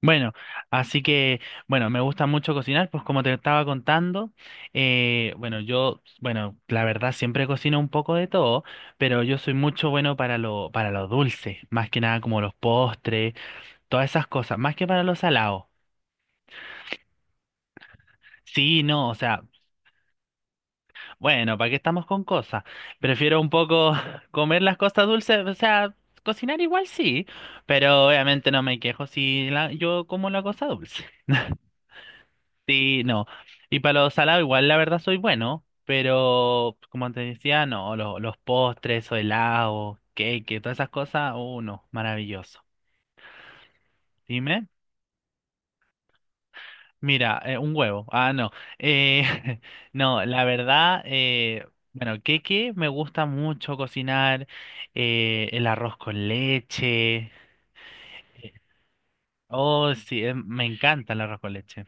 Bueno, así que, bueno, me gusta mucho cocinar, pues como te estaba contando, bueno, yo, bueno, la verdad siempre cocino un poco de todo, pero yo soy mucho bueno para para lo dulce, más que nada como los postres, todas esas cosas, más que para lo salado. Sí, no, o sea, bueno, ¿para qué estamos con cosas? Prefiero un poco comer las cosas dulces, o sea, cocinar igual sí, pero obviamente no me quejo si la, yo como la cosa dulce. Sí, no. Y para los salados igual la verdad soy bueno, pero como te decía, no, los postres o helados, cake, todas esas cosas, uno, maravilloso. Dime, mira, un huevo. Ah, no. Eh, no, la verdad, bueno, cake me gusta mucho cocinar, el arroz con leche. Oh, sí, me encanta el arroz con leche.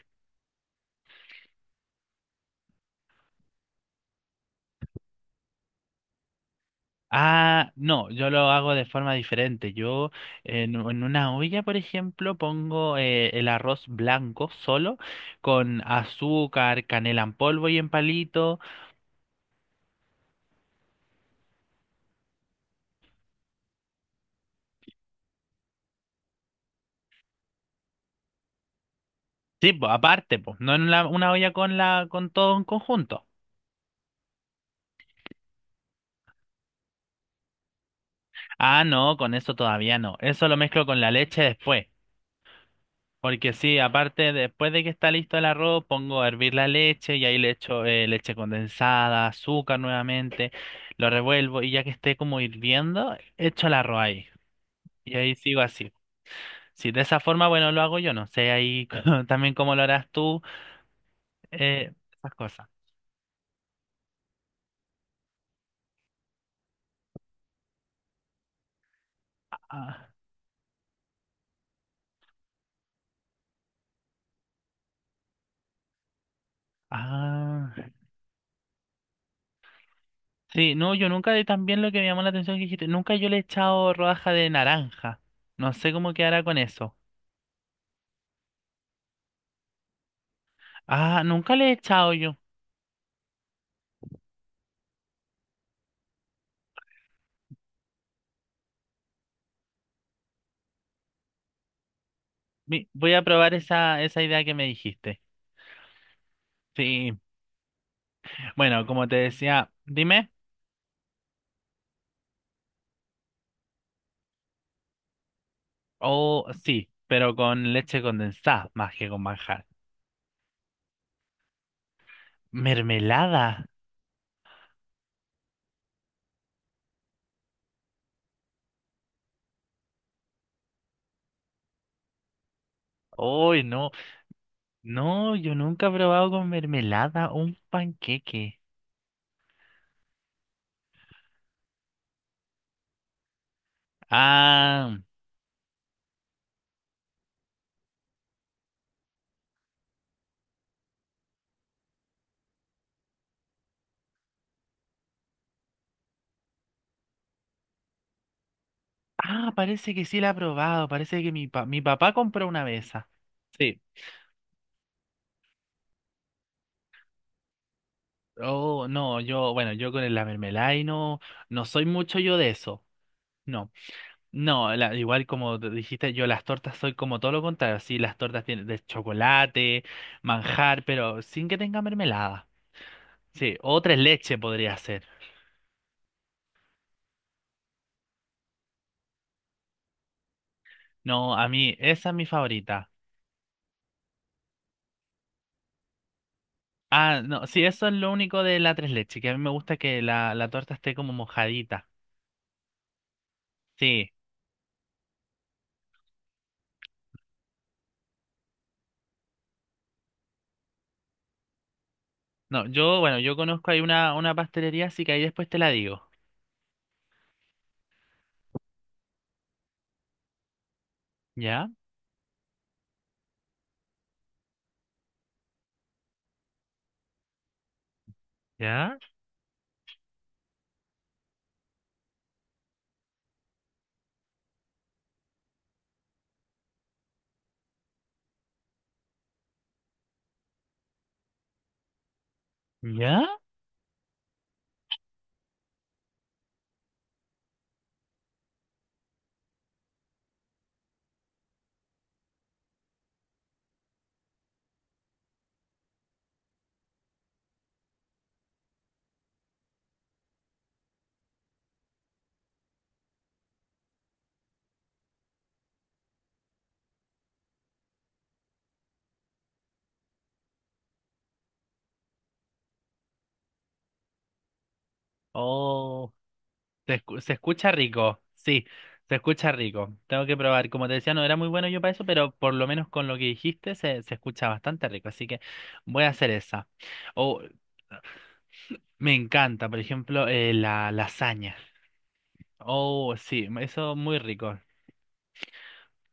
Ah, no, yo lo hago de forma diferente. Yo en una olla, por ejemplo, pongo el arroz blanco solo con azúcar, canela en polvo y en palito. Sí, pues aparte, pues, no en la- una olla con la con todo en conjunto. Ah, no, con eso todavía no. Eso lo mezclo con la leche después. Porque sí, aparte, después de que está listo el arroz, pongo a hervir la leche y ahí le echo leche condensada, azúcar nuevamente, lo revuelvo y ya que esté como hirviendo, echo el arroz ahí. Y ahí sigo así. Si de esa forma, bueno, lo hago yo, no sé ahí también cómo lo harás tú, eh, esas cosas. Ah, ah. Sí, no, yo nunca, y también lo que me llamó la atención que dijiste, nunca yo le he echado rodaja de naranja. No sé cómo quedará con eso. Ah, nunca le he echado yo. Vi- Voy a probar esa, esa idea que me dijiste. Sí, bueno, como te decía, dime. Oh, sí, pero con leche condensada, más que con manjar. ¿Mermelada? Uy, no, no, yo nunca he probado con mermelada un panqueque. Ah, ah, parece que sí la he probado, parece que mi, pa- mi papá compró una vez esas. Sí. Oh, no, yo, bueno, yo con la mermelada y no, no soy mucho yo de eso. No. No, la- igual como te dijiste, yo las tortas soy como todo lo contrario. Sí, las tortas tienen de chocolate, manjar, pero sin que tenga mermelada. Sí, o tres leches podría ser. No, a mí esa es mi favorita. Ah, no, sí, eso es lo único de la tres leches, que a mí me gusta que la torta esté como mojadita. Sí, no, yo, bueno, yo conozco ahí una pastelería, así que ahí después te la digo. ¿Ya? ¿Ya? ¿Ya? Oh. Se, escu- se escucha rico, sí, se escucha rico. Tengo que probar. Como te decía, no era muy bueno yo para eso, pero por lo menos con lo que dijiste se, se escucha bastante rico. Así que voy a hacer esa. O me encanta, por ejemplo, la lasaña. Oh, sí, eso muy rico.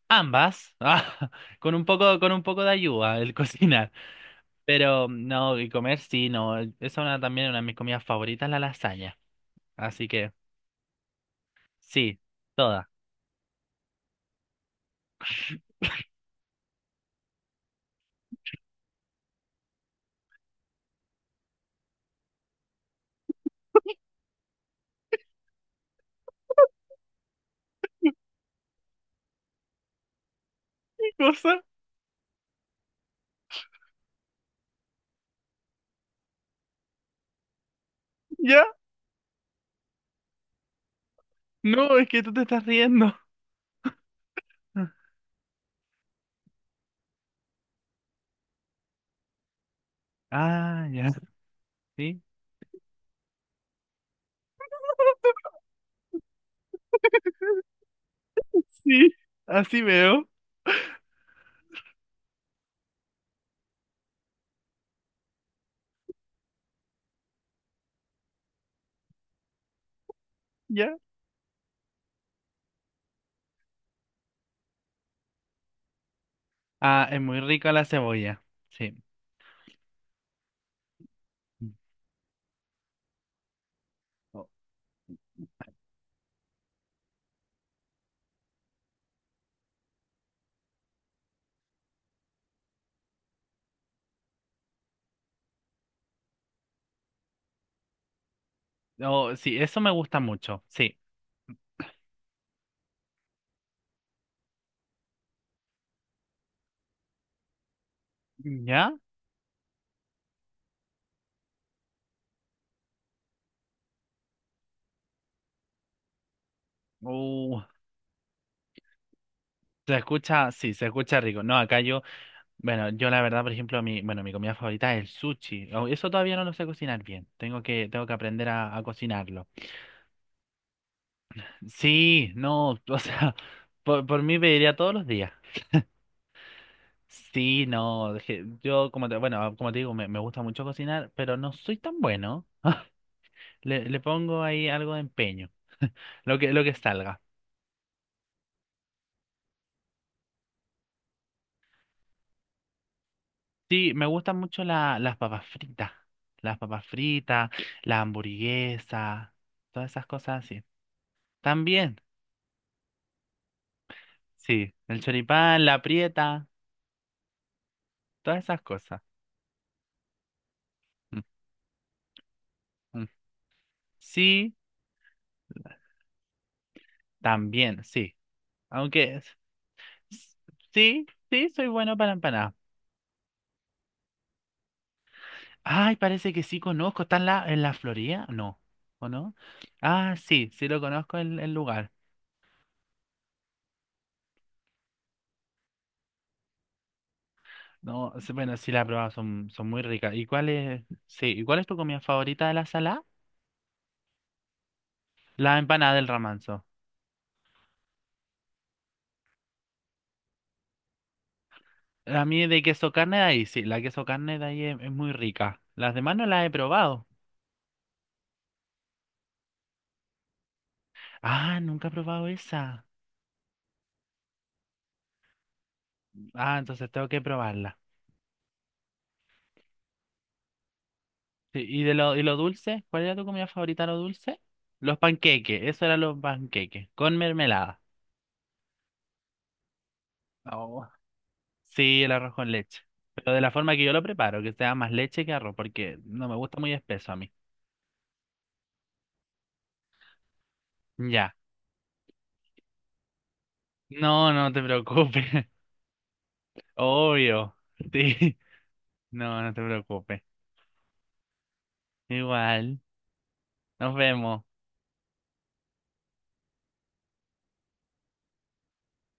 Ambas, ah, con un poco de ayuda el cocinar. Pero no, y comer sí, no. Esa es una, también una de mis comidas favoritas, la lasaña. Así que sí, toda. ¿Qué cosa? Ya. No, es que tú te estás riendo. Ah, ya, sí. Sí, así veo, ya. Ah, es muy rica la cebolla, sí. Oh, oh, sí, eso me gusta mucho, sí. ¿Ya? Uh, se escucha, sí, se escucha rico. No, acá yo, bueno, yo la verdad, por ejemplo, mi, bueno, mi comida favorita es el sushi. Oh, eso todavía no lo sé cocinar bien. Tengo que aprender a cocinarlo. Sí, no, o sea, por mí pediría todos los días. Sí, no, je- yo como te, bueno, como te digo, me gusta mucho cocinar, pero no soy tan bueno. Le pongo ahí algo de empeño, lo que salga. Sí, me gustan mucho la- las papas fritas, la hamburguesa, todas esas cosas así. También, sí, el choripán, la prieta, todas esas cosas. Mm, mm. Sí, también, sí. Aunque, s- sí, sí, soy bueno para empanadas. Ay, parece que sí conozco. ¿Está en la Florida? No. ¿O no? Ah, sí, sí lo conozco el lugar. No, sí, bueno, sí la he probado, son, son muy ricas. ¿Y cuál es, sí, ¿y cuál es tu comida favorita de la sala? La empanada del ramanzo. A mí de queso carne de ahí, sí, la queso carne de ahí es muy rica. Las demás no las he probado. Ah, nunca he probado esa. Ah, entonces tengo que probarla. Sí, ¿y de lo, y lo dulce? ¿Cuál era tu comida favorita, lo dulce? Los panqueques, eso eran los panqueques, con mermelada. Oh. Sí, el arroz con leche. Pero de la forma que yo lo preparo, que sea más leche que arroz, porque no me gusta muy espeso a mí. Ya. No, no te preocupes. Obvio. Sí. No, no te preocupes. Igual. Nos vemos.